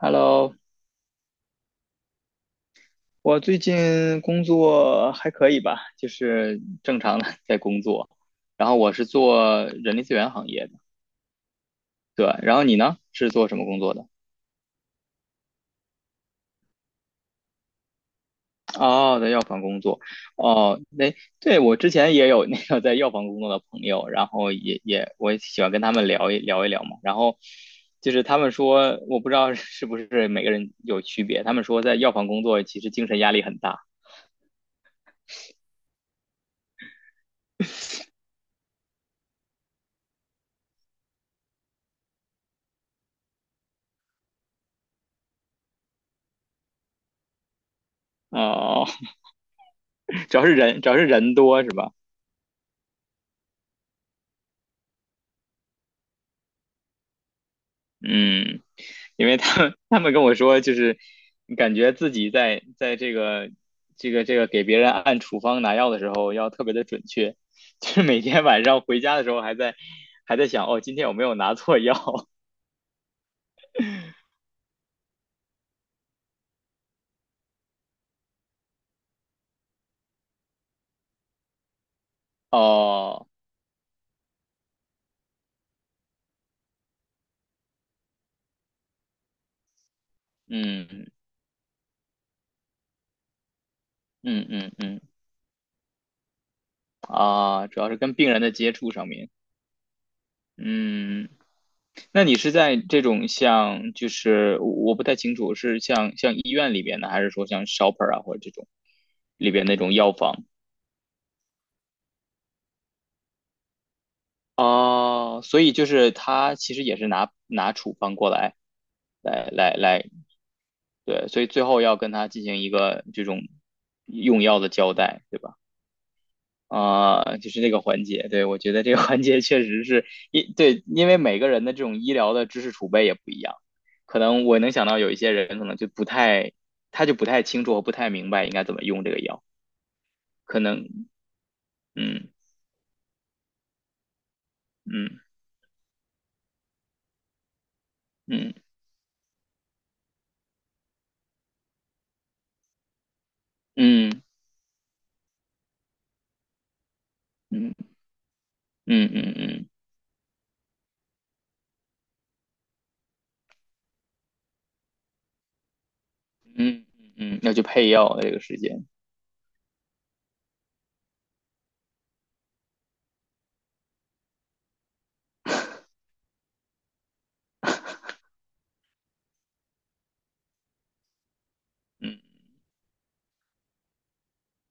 Hello，我最近工作还可以吧，就是正常的 在工作。然后我是做人力资源行业的，对。然后你呢，是做什么工作的？哦，在药房工作。哦，那对我之前也有那个在药房工作的朋友，然后我也喜欢跟他们聊一聊嘛。然后就是他们说，我不知道 是不是每个人有区别，他们说在药房工作其实精神压力很大。哦，主要是人多是吧？嗯，因为他们跟我说，就是感觉自己在这个给别人按处方拿药的时候要特别的准确，就是每天晚上回家的时候还在想，哦，今天有没有拿错药？哦，嗯嗯嗯嗯，啊，主要是跟病人的接触上面，嗯。那你是在这种像，就是我不太清楚，是像医院里边的，还是说像 shopper 啊，或者这种里边那种药房？哦，所以就是他其实也是拿处方过来，来来来，对，所以最后要跟他进行一个这种用药的交代，对吧？啊、就是这个环节，对，我觉得这个环节确实是一对，因为每个人的这种医疗的知识储备也不一样，可能我能想到有一些人可能就不太，他就不太清楚和不太明白应该怎么用这个药，可能，嗯嗯嗯嗯嗯嗯嗯嗯嗯。嗯嗯嗯嗯嗯嗯，要去配药的这个时间，嗯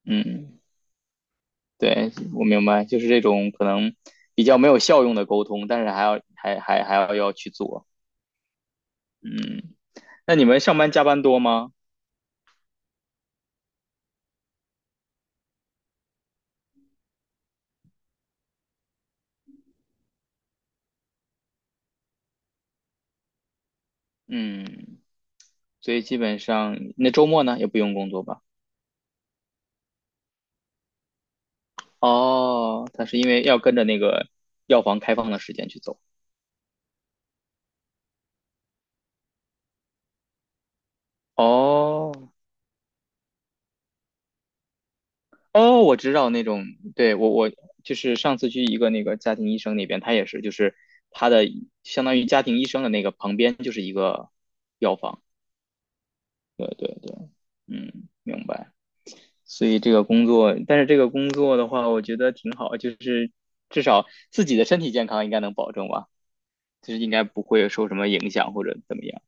嗯，对，我明白，就是这种可能比较没有效用的沟通，但是还要去做，嗯，那你们上班加班多吗？嗯，所以基本上那周末呢也不用工作吧？哦，他是因为要跟着那个药房开放的时间去走。哦，哦，我知道那种，对，我就是上次去一个那个家庭医生那边，他也是，就是他的相当于家庭医生的那个旁边就是一个药房。对对对，嗯，明白。所以这个工作，但是这个工作的话，我觉得挺好，就是至少自己的身体健康应该能保证吧，就是应该不会受什么影响或者怎么样。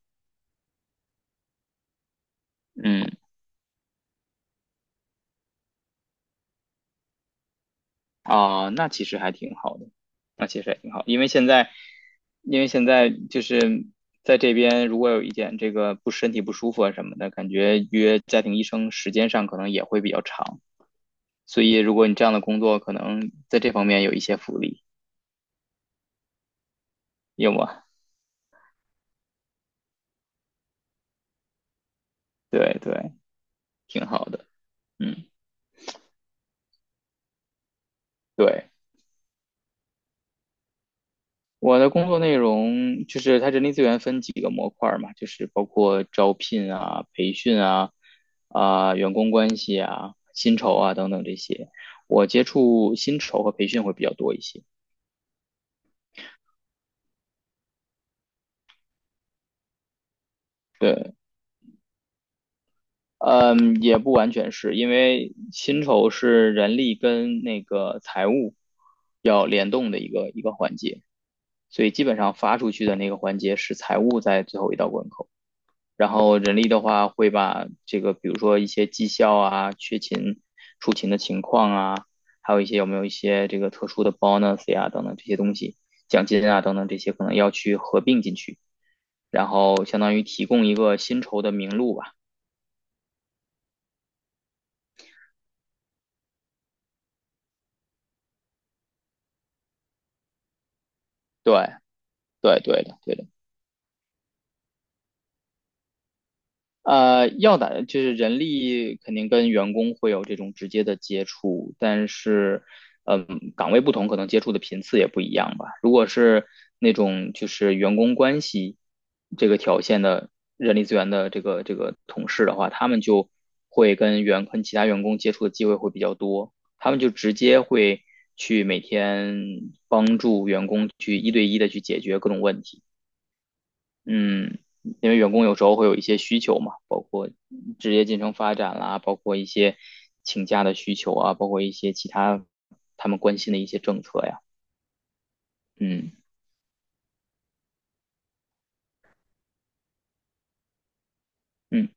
嗯。啊，那其实还挺好的，那其实也挺好，因为现在就是在这边，如果有一点这个不身体不舒服啊什么的，感觉约家庭医生时间上可能也会比较长，所以如果你这样的工作，可能在这方面有一些福利，有吗？对对，挺好的，嗯，对。我的工作内容就是它人力资源分几个模块儿嘛，就是包括招聘啊、培训啊、员工关系啊、薪酬啊等等这些。我接触薪酬和培训会比较多一些。对，嗯，也不完全是因为薪酬是人力跟那个财务要联动的一个环节，所以基本上发出去的那个环节是财务在最后一道关口。然后人力的话，会把这个，比如说一些绩效啊、缺勤、出勤的情况啊，还有一些有没有一些这个特殊的 bonus 呀、等等这些东西，奖金啊等等这些，可能要去合并进去，然后相当于提供一个薪酬的名录吧。对，对，对的，对的。要的，就是人力肯定跟员工会有这种直接的接触，但是，嗯，岗位不同，可能接触的频次也不一样吧。如果是那种就是员工关系这个条线的人力资源的这个同事的话，他们就会跟其他员工接触的机会会比较多，他们就直接会去每天帮助员工去一对一的去解决各种问题。嗯，因为员工有时候会有一些需求嘛。职业进程发展啦，包括一些请假的需求啊，包括一些其他他们关心的一些政策呀。嗯嗯，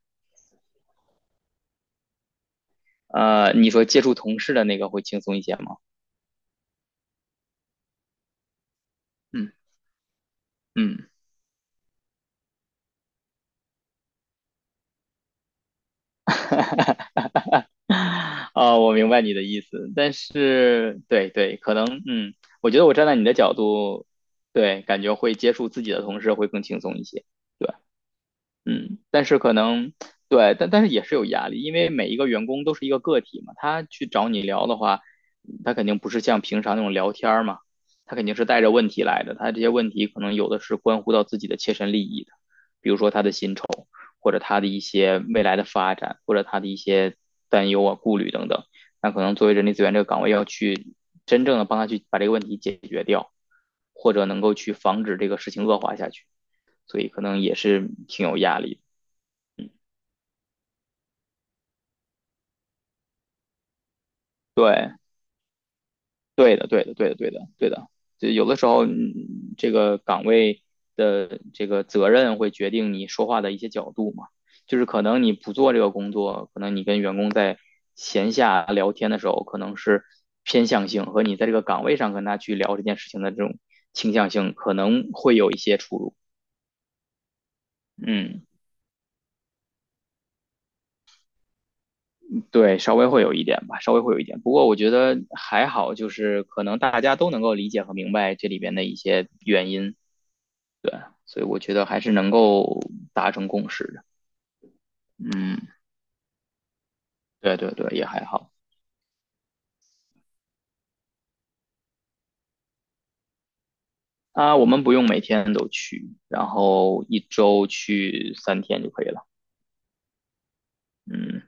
你说接触同事的那个会轻松一些吗？嗯嗯。啊、我明白你的意思，但是对对，可能我觉得我站在你的角度，对，感觉会接触自己的同事会更轻松一些。对。嗯，但是可能对，但是也是有压力，因为每一个员工都是一个个体嘛，他去找你聊的话，他肯定不是像平常那种聊天儿嘛，他肯定是带着问题来的，他这些问题可能有的是关乎到自己的切身利益的，比如说他的薪酬，或者他的一些未来的发展，或者他的一些担忧啊、顾虑等等，那可能作为人力资源这个岗位要去真正的帮他去把这个问题解决掉，或者能够去防止这个事情恶化下去，所以可能也是挺有压力的。对，对的，对的，对的，对的，对的。就有的时候，这个岗位的这个责任会决定你说话的一些角度嘛。就是可能你不做这个工作，可能你跟员工在闲下聊天的时候，可能是偏向性和你在这个岗位上跟他去聊这件事情的这种倾向性，可能会有一些出入。嗯，对，稍微会有一点吧，稍微会有一点。不过我觉得还好，就是可能大家都能够理解和明白这里边的一些原因。所以我觉得还是能够达成共识的。嗯，对对对，也还好。啊，我们不用每天都去，然后一周去三天就可以了。嗯，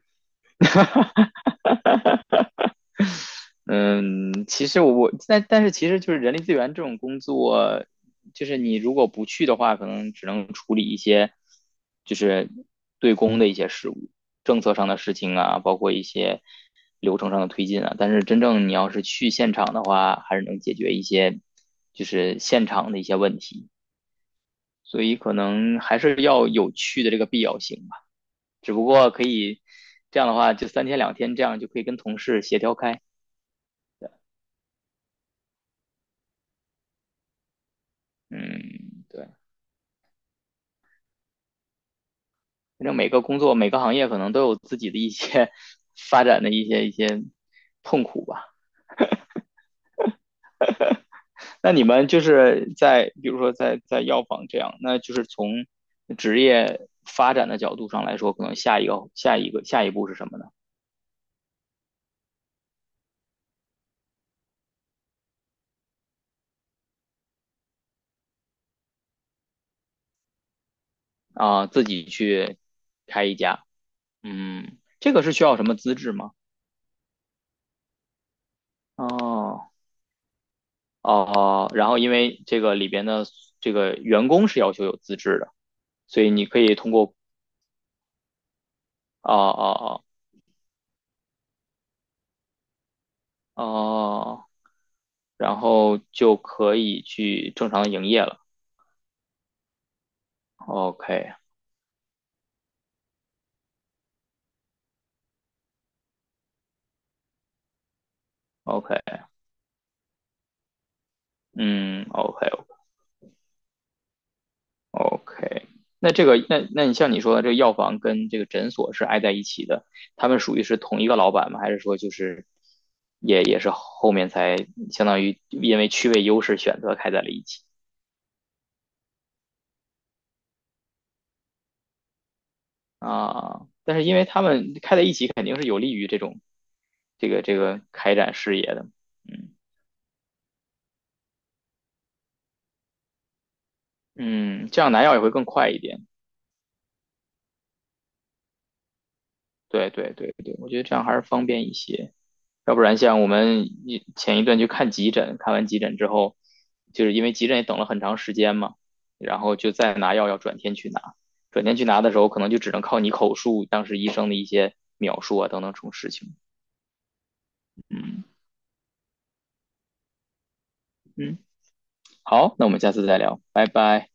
嗯，其实我但是其实就是人力资源这种工作，就是你如果不去的话，可能只能处理一些就是对公的一些事务，政策上的事情啊，包括一些流程上的推进啊。但是真正你要是去现场的话，还是能解决一些就是现场的一些问题，所以可能还是要有去的这个必要性吧。只不过可以这样的话，就三天两天这样就可以跟同事协调开。嗯，对。反正每个工作、每个行业可能都有自己的一些 发展的一些痛苦吧。那你们就是在，比如说在药房这样，那就是从职业发展的角度上来说，可能下一步是什么呢？啊、自己去开一家，嗯，这个是需要什么资质吗？哦哦，然后因为这个里边的这个员工是要求有资质的，所以你可以通过哦哦哦哦。哦然后就可以去正常营业了。OK OK，嗯，OK OK。那这个，那你像你说的，这个药房跟这个诊所是挨在一起的，他们属于是同一个老板吗？还是说就是也是后面才相当于因为区位优势选择开在了一起啊？但是因为他们开在一起，肯定是有利于这种这个开展事业的，嗯嗯，这样拿药也会更快一点。对对对对，我觉得这样还是方便一些。要不然像我们前一段去看急诊，看完急诊之后，就是因为急诊也等了很长时间嘛，然后就再拿药要转天去拿，转天去拿的时候可能就只能靠你口述当时医生的一些描述啊等等这种事情。嗯嗯，好，那我们下次再聊，拜拜。